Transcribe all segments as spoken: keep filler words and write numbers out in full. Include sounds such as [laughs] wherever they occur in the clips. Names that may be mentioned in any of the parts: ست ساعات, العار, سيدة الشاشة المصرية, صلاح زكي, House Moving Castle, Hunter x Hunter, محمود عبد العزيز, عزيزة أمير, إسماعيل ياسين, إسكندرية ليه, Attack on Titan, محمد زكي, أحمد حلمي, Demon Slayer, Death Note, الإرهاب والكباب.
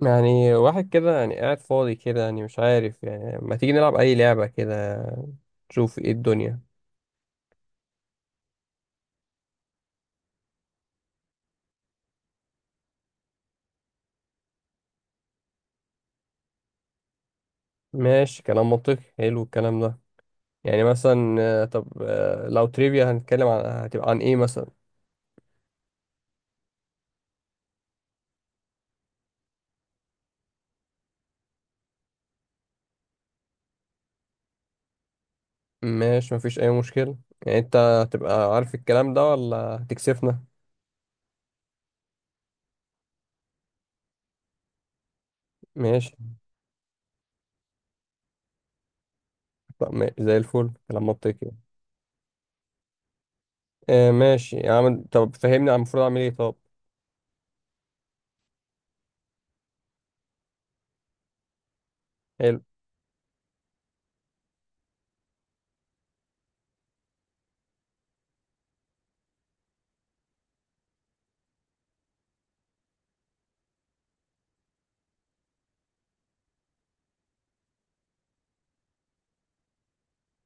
يعني واحد كده، يعني قاعد فاضي كده، يعني مش عارف، يعني ما تيجي نلعب أي لعبة كده، نشوف ايه الدنيا. ماشي، كلام منطقي، حلو الكلام ده. يعني مثلا آه، طب، آه، لو تريفيا هنتكلم عن هتبقى عن ايه مثلا؟ ماشي، مفيش أي مشكلة. يعني انت هتبقى عارف الكلام ده ولا هتكسفنا؟ ماشي، طب ما- زي الفل، كلام منطقي. آه ماشي يا عم، طب فهمني المفروض أعمل ايه طب؟ حلو.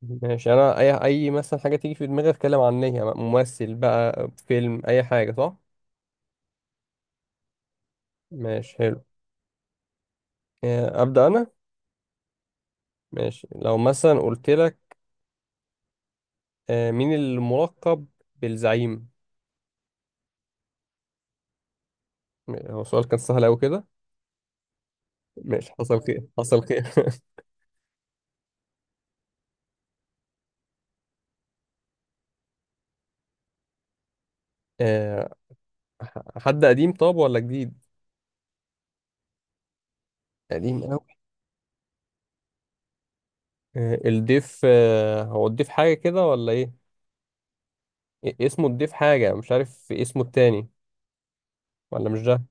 ماشي انا، اي اي مثلا حاجه تيجي في دماغي اتكلم عنها، ممثل بقى، فيلم، اي حاجه، صح؟ ماشي، حلو. آه، ابدا انا. ماشي، لو مثلا قلت لك آه، مين الملقب بالزعيم؟ هو السؤال كان سهل قوي كده. ماشي، حصل خير حصل خير. [laughs] آه، ح- حد قديم، طب، ولا جديد؟ قديم قوي. آه، الضيف، آه، هو الضيف حاجه كده ولا ايه؟ إيه اسمه، الضيف حاجه، مش عارف اسمه التاني. ولا مش ده؟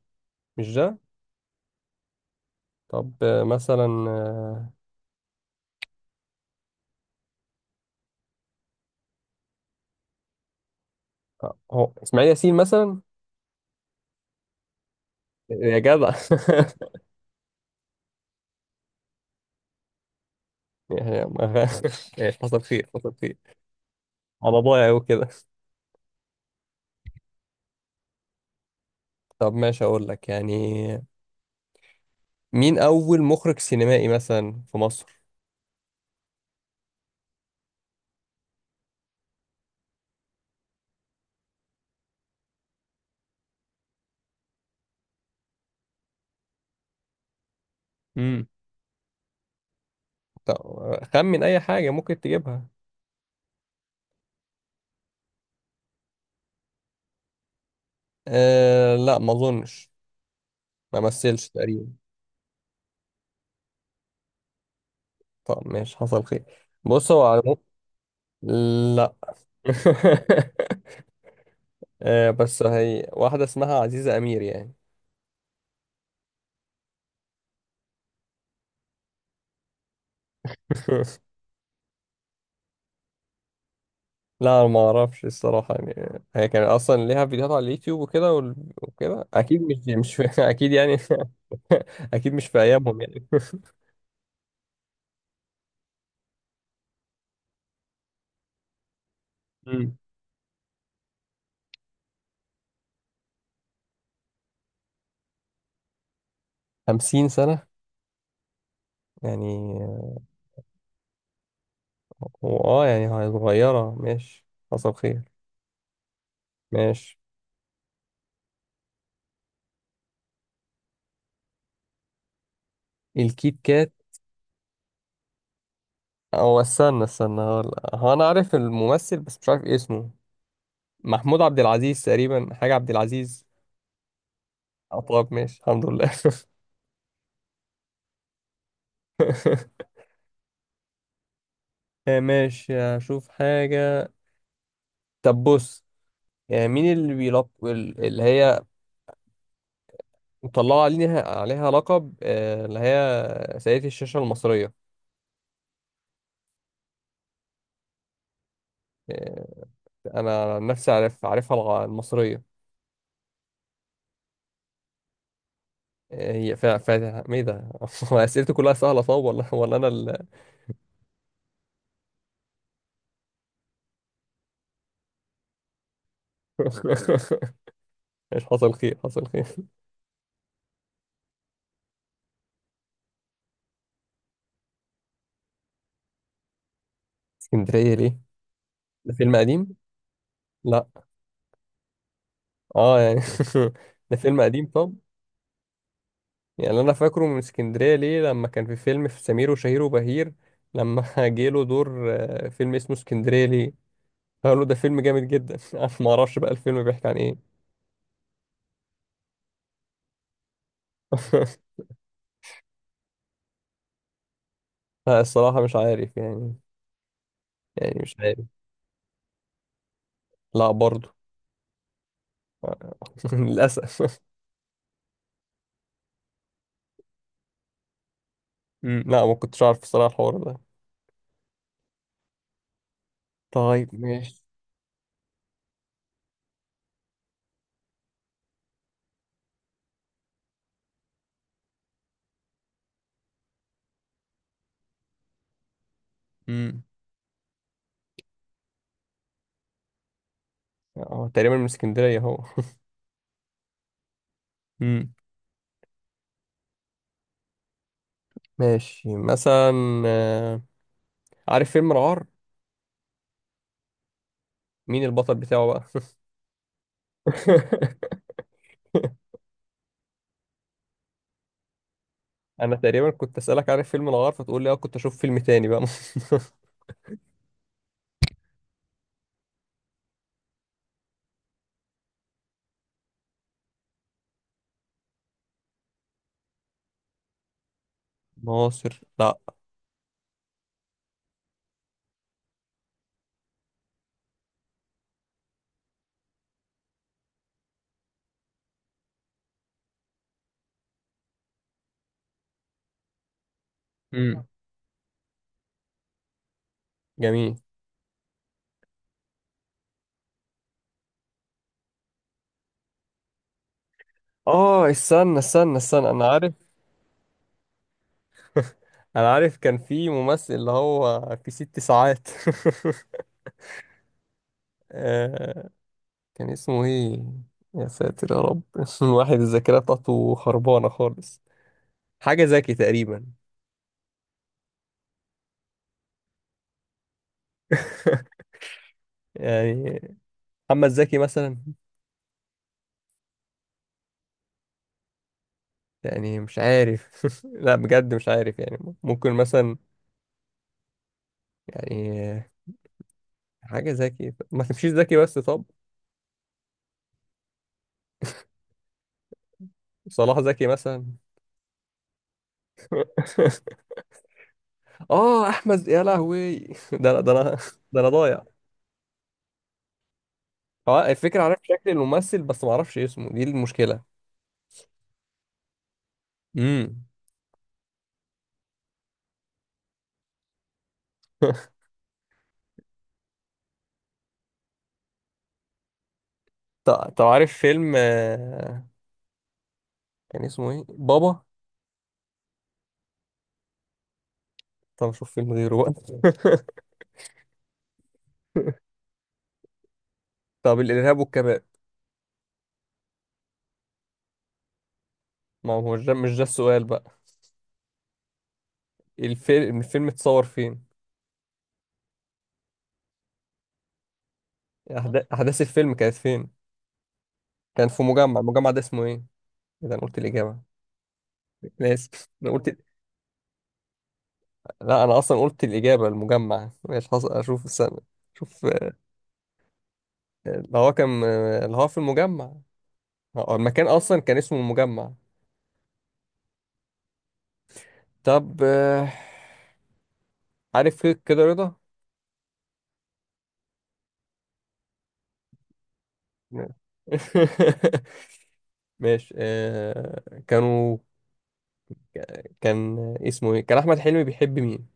مش ده. طب آه، مثلا آه، هو اسماعيل ياسين مثلا. يا جدع [laughs] يعني ما- [laughs] ماشي، حصل خير حصل خير. على ضايع وكده. طب ماشي، اقول لك، يعني مين اول مخرج سينمائي مثلا في مصر؟ امم طب خمن اي حاجه ممكن تجيبها. أه لا، ما اظنش. ما مثلش تقريبا. طب ماشي، حصل خير. بص هو على. لا. [laughs] أه بس هي واحده اسمها عزيزه امير يعني. [laughs] لا أنا ما اعرفش الصراحه، يعني هي كان اصلا ليها فيديوهات على اليوتيوب وكده، وال- وكده اكيد، مش مش في... [laughs] اكيد يعني. [laughs] اكيد مش في ايامهم يعني. [laughs] مم. خمسين سنه يعني. هو اه يعني هي صغيره، ماشي، حصل خير. ماشي، الكيت كات. او استنى استنى، هقول- هو انا عارف الممثل بس مش عارف اسمه، محمود عبد العزيز تقريبا، حاجه عبد العزيز. آه، طب ماشي، الحمد لله. [laughs] آه، ماشي اشوف حاجه. طب بص، يعني مين اللي بيلق... ال- اللي هي مطلعة عليها عليها لقب آه، اللي هي سيدة الشاشة المصرية؟ آه، أنا عن نفسي عارف، عارفها الغ- المصرية. آه، هي فا فا. ما إيه ده؟ [laughs] هو أسئلتي كلها سهلة، صعب ولا ولا أنا ال... [laughs] مش، حصل خير حصل خير. اسكندرية ليه؟ ده فيلم قديم؟ لا. اه يعني. [laughs] ده فيلم قديم طب. يعني أنا فاكره من اسكندرية ليه لما كان في فيلم في سمير وشهير وبهير، لما [laughs] جه له دور آه، فيلم اسمه اسكندرية ليه. قالوا له ده فيلم جامد جدا. [laughs] انا ما اعرفش بقى الفيلم بيحكي عن ايه. [laughs] لا، الصراحة مش عارف يعني. يعني مش عارف. لا برضو. [laughs] للأسف. مم، لا ما كنتش عارف الصراحة الحوار ده. طيب ماشي. مم. اه تقريبا من اسكندرية اهو. مم. ماشي مثلا، آه، عارف فيلم العار، مين البطل بتاعه بقى؟ [laughs] انا تقريبا كنت اسالك عارف فيلم العار، فتقول لي اه، كنت اشوف فيلم تاني بقى. [laughs] ناصر لا. مم. جميل. اه، استنى استنى استنى، انا عارف، انا عارف كان في ممثل اللي هو في ست ساعات. [laughs] آه، كان اسمه ايه؟ يا ساتر يا رب، [laughs] الواحد الذاكرة بتاعته خربانة خالص. حاجة زكي تقريبا. [laughs] يعني محمد زكي مثلا. يعني مش عارف. [laughs] لا بجد مش عارف يعني، ممكن مثلا. يعني حاجة زكي، ما تمشيش زكي بس طب. صلاح زكي مثلا. [laughs] اه احمد، يا لهوي. [laughs] ده أنا- ده انا، ده انا ضايع. اه، الفكرة عارف شكل الممثل بس ما اعرفش اسمه، دي المشكلة. امم. [laughs] طب طب عارف فيلم، آه، كان اسمه ايه بابا؟ طب اشوف فيلم غيره بقى. [laughs] طب، الارهاب والكباب. ما هو مش ده، مش ده السؤال بقى. الفيلم الفيلم اتصور فين؟ أحدا- احداث الفيلم كانت فين؟ كان في مجمع، المجمع ده اسمه ايه؟ اذا انا قلت الاجابة، انا اسف، انا قلت. لا انا اصلا قلت الاجابة، المجمع. ماشي، حصل، اشوف السنة. شوف آه، اللي هو كان آه، اللي هو في المجمع. هو المكان اصلا كان اسمه المجمع. طب آه، عارف فيك كده رضا. نعم. [laughs] ماشي آه، كانوا كان اسمه ايه، كان احمد حلمي بيحب مين؟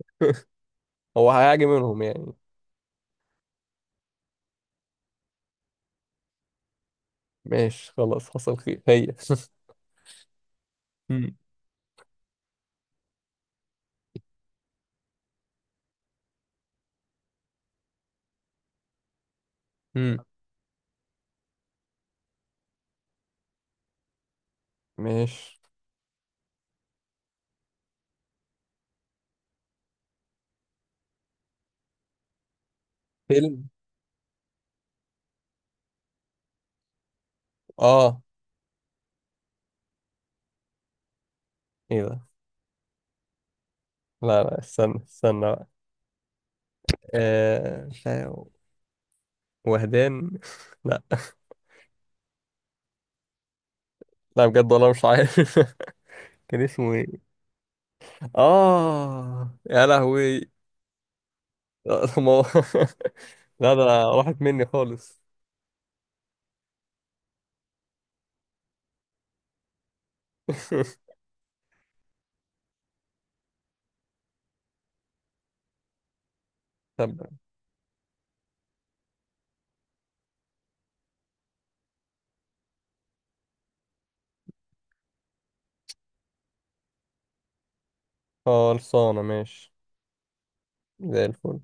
[laughs] هو هيعجب منهم يعني. ماشي، خلاص، حصل خير هي. [laughs] مم. مم. ماشي، فيلم. اه ايه ده؟ لا لا، استنى استنى بقى. آه... مش عارف. وهدان [laughs] لا. لا بجد والله مش عارف. [laughs] كان اسمه ايه؟ اه يا لهوي. لا طب ما هو- [laughs] لا ده، راحت مني خالص. [laughs] طب، خلصانة ماشي. زي الفل.